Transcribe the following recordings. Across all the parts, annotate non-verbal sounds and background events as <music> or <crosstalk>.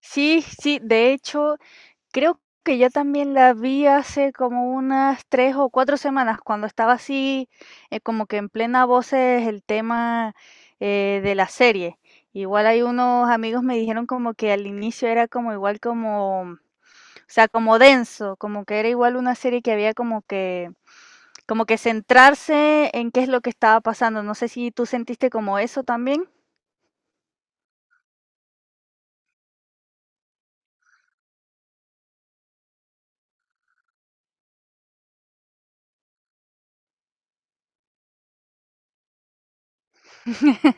Sí, sí, de hecho, creo que yo también la vi hace como unas 3 o 4 semanas, cuando estaba así, como que en plena voces el tema de la serie. Igual hay unos amigos me dijeron como que al inicio era como igual como, o sea, como denso, como que era igual una serie que había como que centrarse en qué es lo que estaba pasando. No sé si tú sentiste como eso también. <laughs>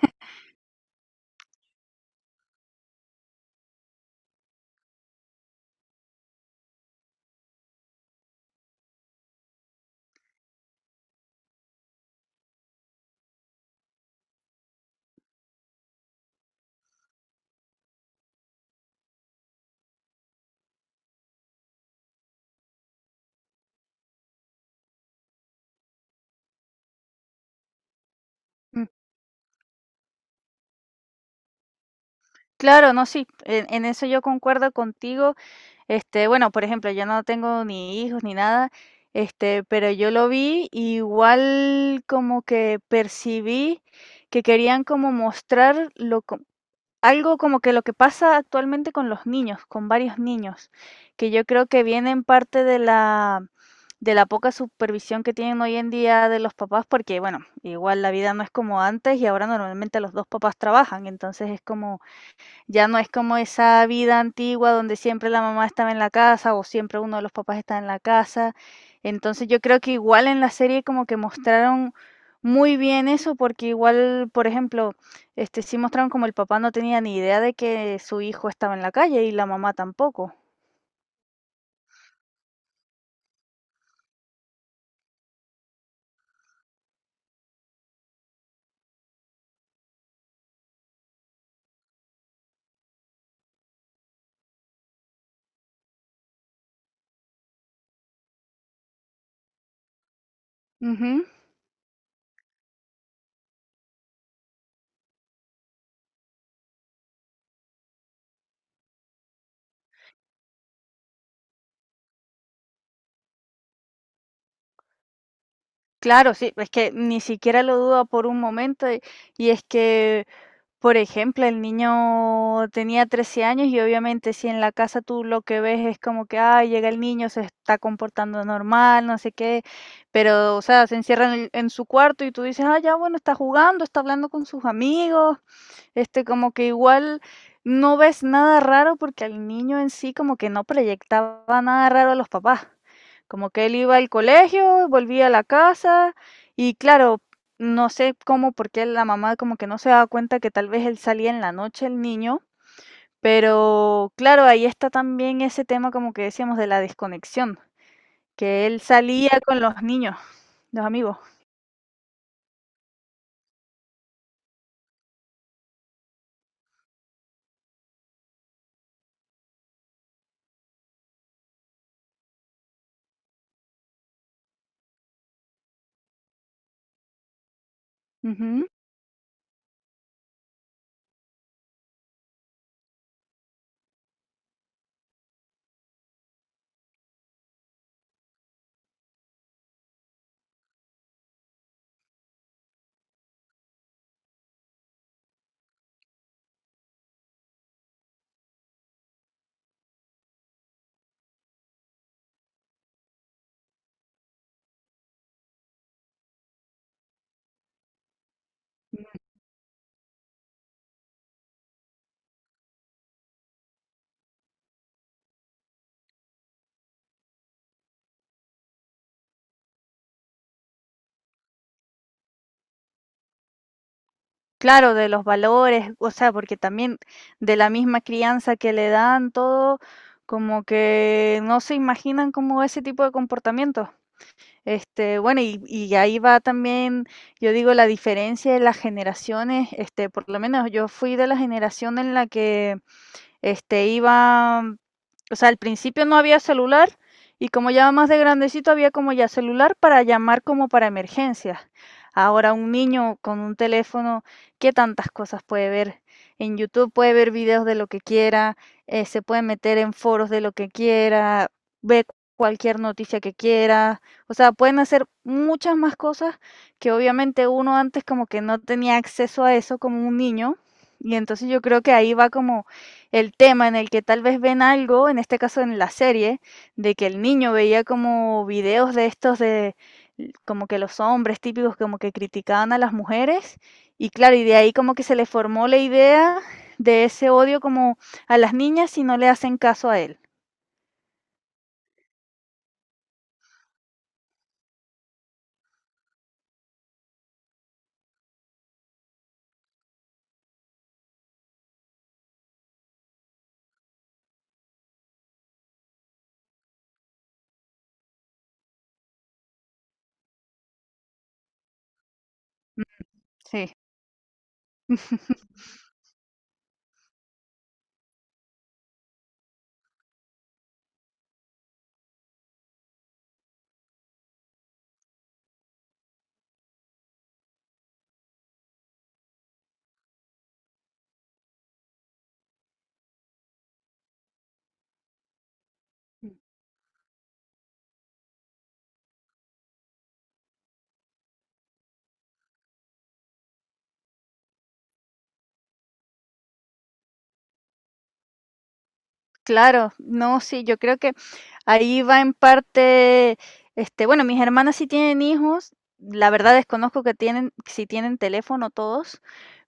Mm. Claro, no, sí, en eso yo concuerdo contigo. Este, bueno, por ejemplo, yo no tengo ni hijos ni nada, este, pero yo lo vi y igual como que percibí que querían como mostrar lo, algo como que lo que pasa actualmente con los niños, con varios niños, que yo creo que viene en parte de la poca supervisión que tienen hoy en día de los papás, porque bueno, igual la vida no es como antes y ahora normalmente los dos papás trabajan, entonces es como ya no es como esa vida antigua donde siempre la mamá estaba en la casa o siempre uno de los papás está en la casa. Entonces yo creo que igual en la serie como que mostraron muy bien eso, porque igual, por ejemplo, este sí mostraron como el papá no tenía ni idea de que su hijo estaba en la calle y la mamá tampoco. Ujú. Claro, sí, es que ni siquiera lo duda por un momento y es que, por ejemplo, el niño tenía 13 años y obviamente si en la casa tú lo que ves es como que, ah, llega el niño, se está comportando normal, no sé qué, pero, o sea, se encierra en su cuarto y tú dices, ah, ya, bueno, está jugando, está hablando con sus amigos, este, como que igual no ves nada raro porque al niño en sí como que no proyectaba nada raro a los papás. Como que él iba al colegio, volvía a la casa y claro, no sé cómo, porque la mamá como que no se daba cuenta que tal vez él salía en la noche el niño, pero claro, ahí está también ese tema como que decíamos de la desconexión, que él salía con los niños, los amigos. Ujú. Claro, de los valores, o sea, porque también de la misma crianza que le dan todo, como que no se imaginan como ese tipo de comportamientos. Este, bueno, y ahí va también, yo digo, la diferencia de las generaciones, este, por lo menos yo fui de la generación en la que este, iba, o sea, al principio no había celular y como ya más de grandecito había como ya celular para llamar como para emergencias. Ahora un niño con un teléfono, ¿qué tantas cosas puede ver? En YouTube puede ver videos de lo que quiera, se puede meter en foros de lo que quiera, ve cualquier noticia que quiera, o sea, pueden hacer muchas más cosas que obviamente uno antes como que no tenía acceso a eso como un niño, y entonces yo creo que ahí va como el tema en el que tal vez ven algo, en este caso en la serie, de que el niño veía como videos de estos de como que los hombres típicos como que criticaban a las mujeres y claro, y de ahí como que se le formó la idea de ese odio como a las niñas si no le hacen caso a él. Sí. Claro, no, sí, yo creo que ahí va en parte, este, bueno, mis hermanas sí tienen hijos, la verdad desconozco que tienen, si tienen teléfono todos,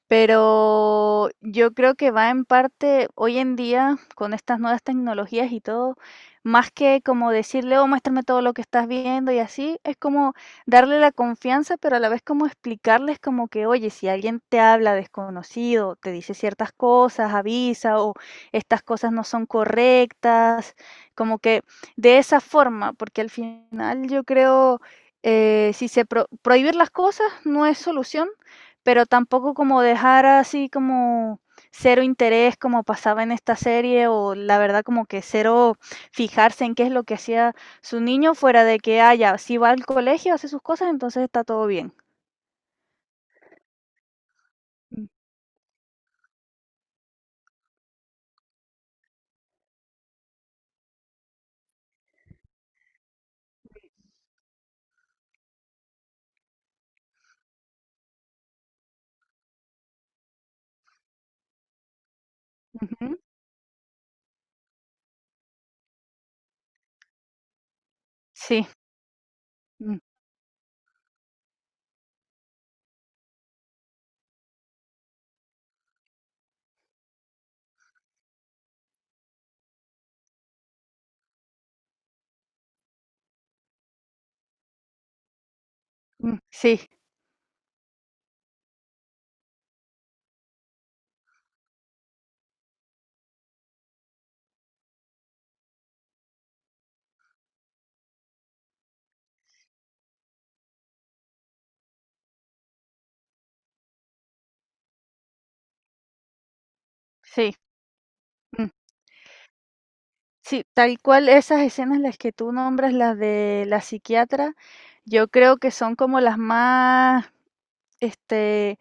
pero yo creo que va en parte hoy en día con estas nuevas tecnologías y todo, más que como decirle, oh, muéstrame todo lo que estás viendo y así, es como darle la confianza, pero a la vez como explicarles como que, oye, si alguien te habla desconocido, te dice ciertas cosas, avisa o estas cosas no son correctas, como que de esa forma, porque al final yo creo, si se prohibir las cosas no es solución pero tampoco como dejar así como cero interés como pasaba en esta serie o la verdad como que cero fijarse en qué es lo que hacía su niño fuera de que haya, si va al colegio, hace sus cosas, entonces está todo bien. Mm. Ujú. Sí. Mm. Mm. Sí, sí. Mm. Sí, tal cual esas escenas las que tú nombras, las de la psiquiatra, yo creo que son como las más, este,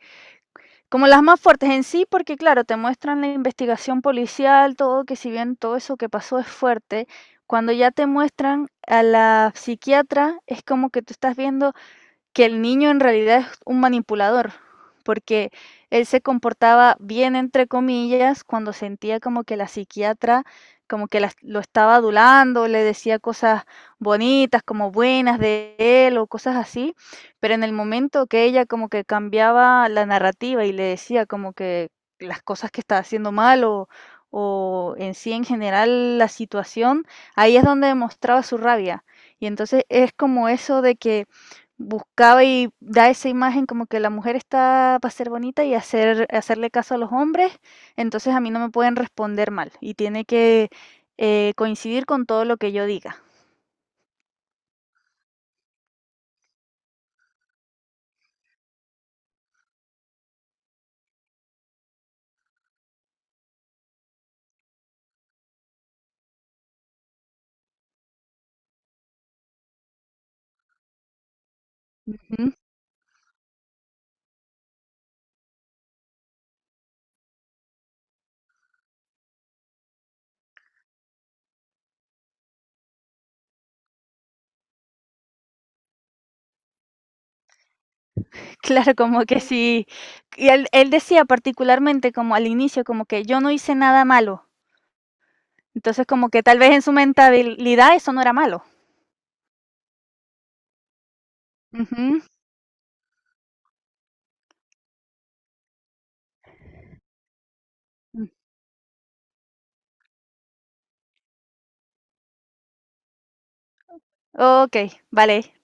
como las más fuertes en sí, porque claro, te muestran la investigación policial, todo, que si bien todo eso que pasó es fuerte, cuando ya te muestran a la psiquiatra, es como que tú estás viendo que el niño en realidad es un manipulador, porque él se comportaba bien, entre comillas, cuando sentía como que la psiquiatra como que lo estaba adulando, le decía cosas bonitas, como buenas de él o cosas así, pero en el momento que ella como que cambiaba la narrativa y le decía como que las cosas que estaba haciendo mal o en sí en general la situación, ahí es donde demostraba su rabia. Y entonces es como eso de que buscaba y da esa imagen como que la mujer está para ser bonita y hacerle caso a los hombres, entonces a mí no me pueden responder mal y tiene que, coincidir con todo lo que yo diga. Ujú. <laughs> Claro, como que sí. Y él decía particularmente como al inicio, como que yo no hice nada malo. Entonces como que tal vez en su mentalidad eso no era malo. Ujú. Mm. Ok, vale.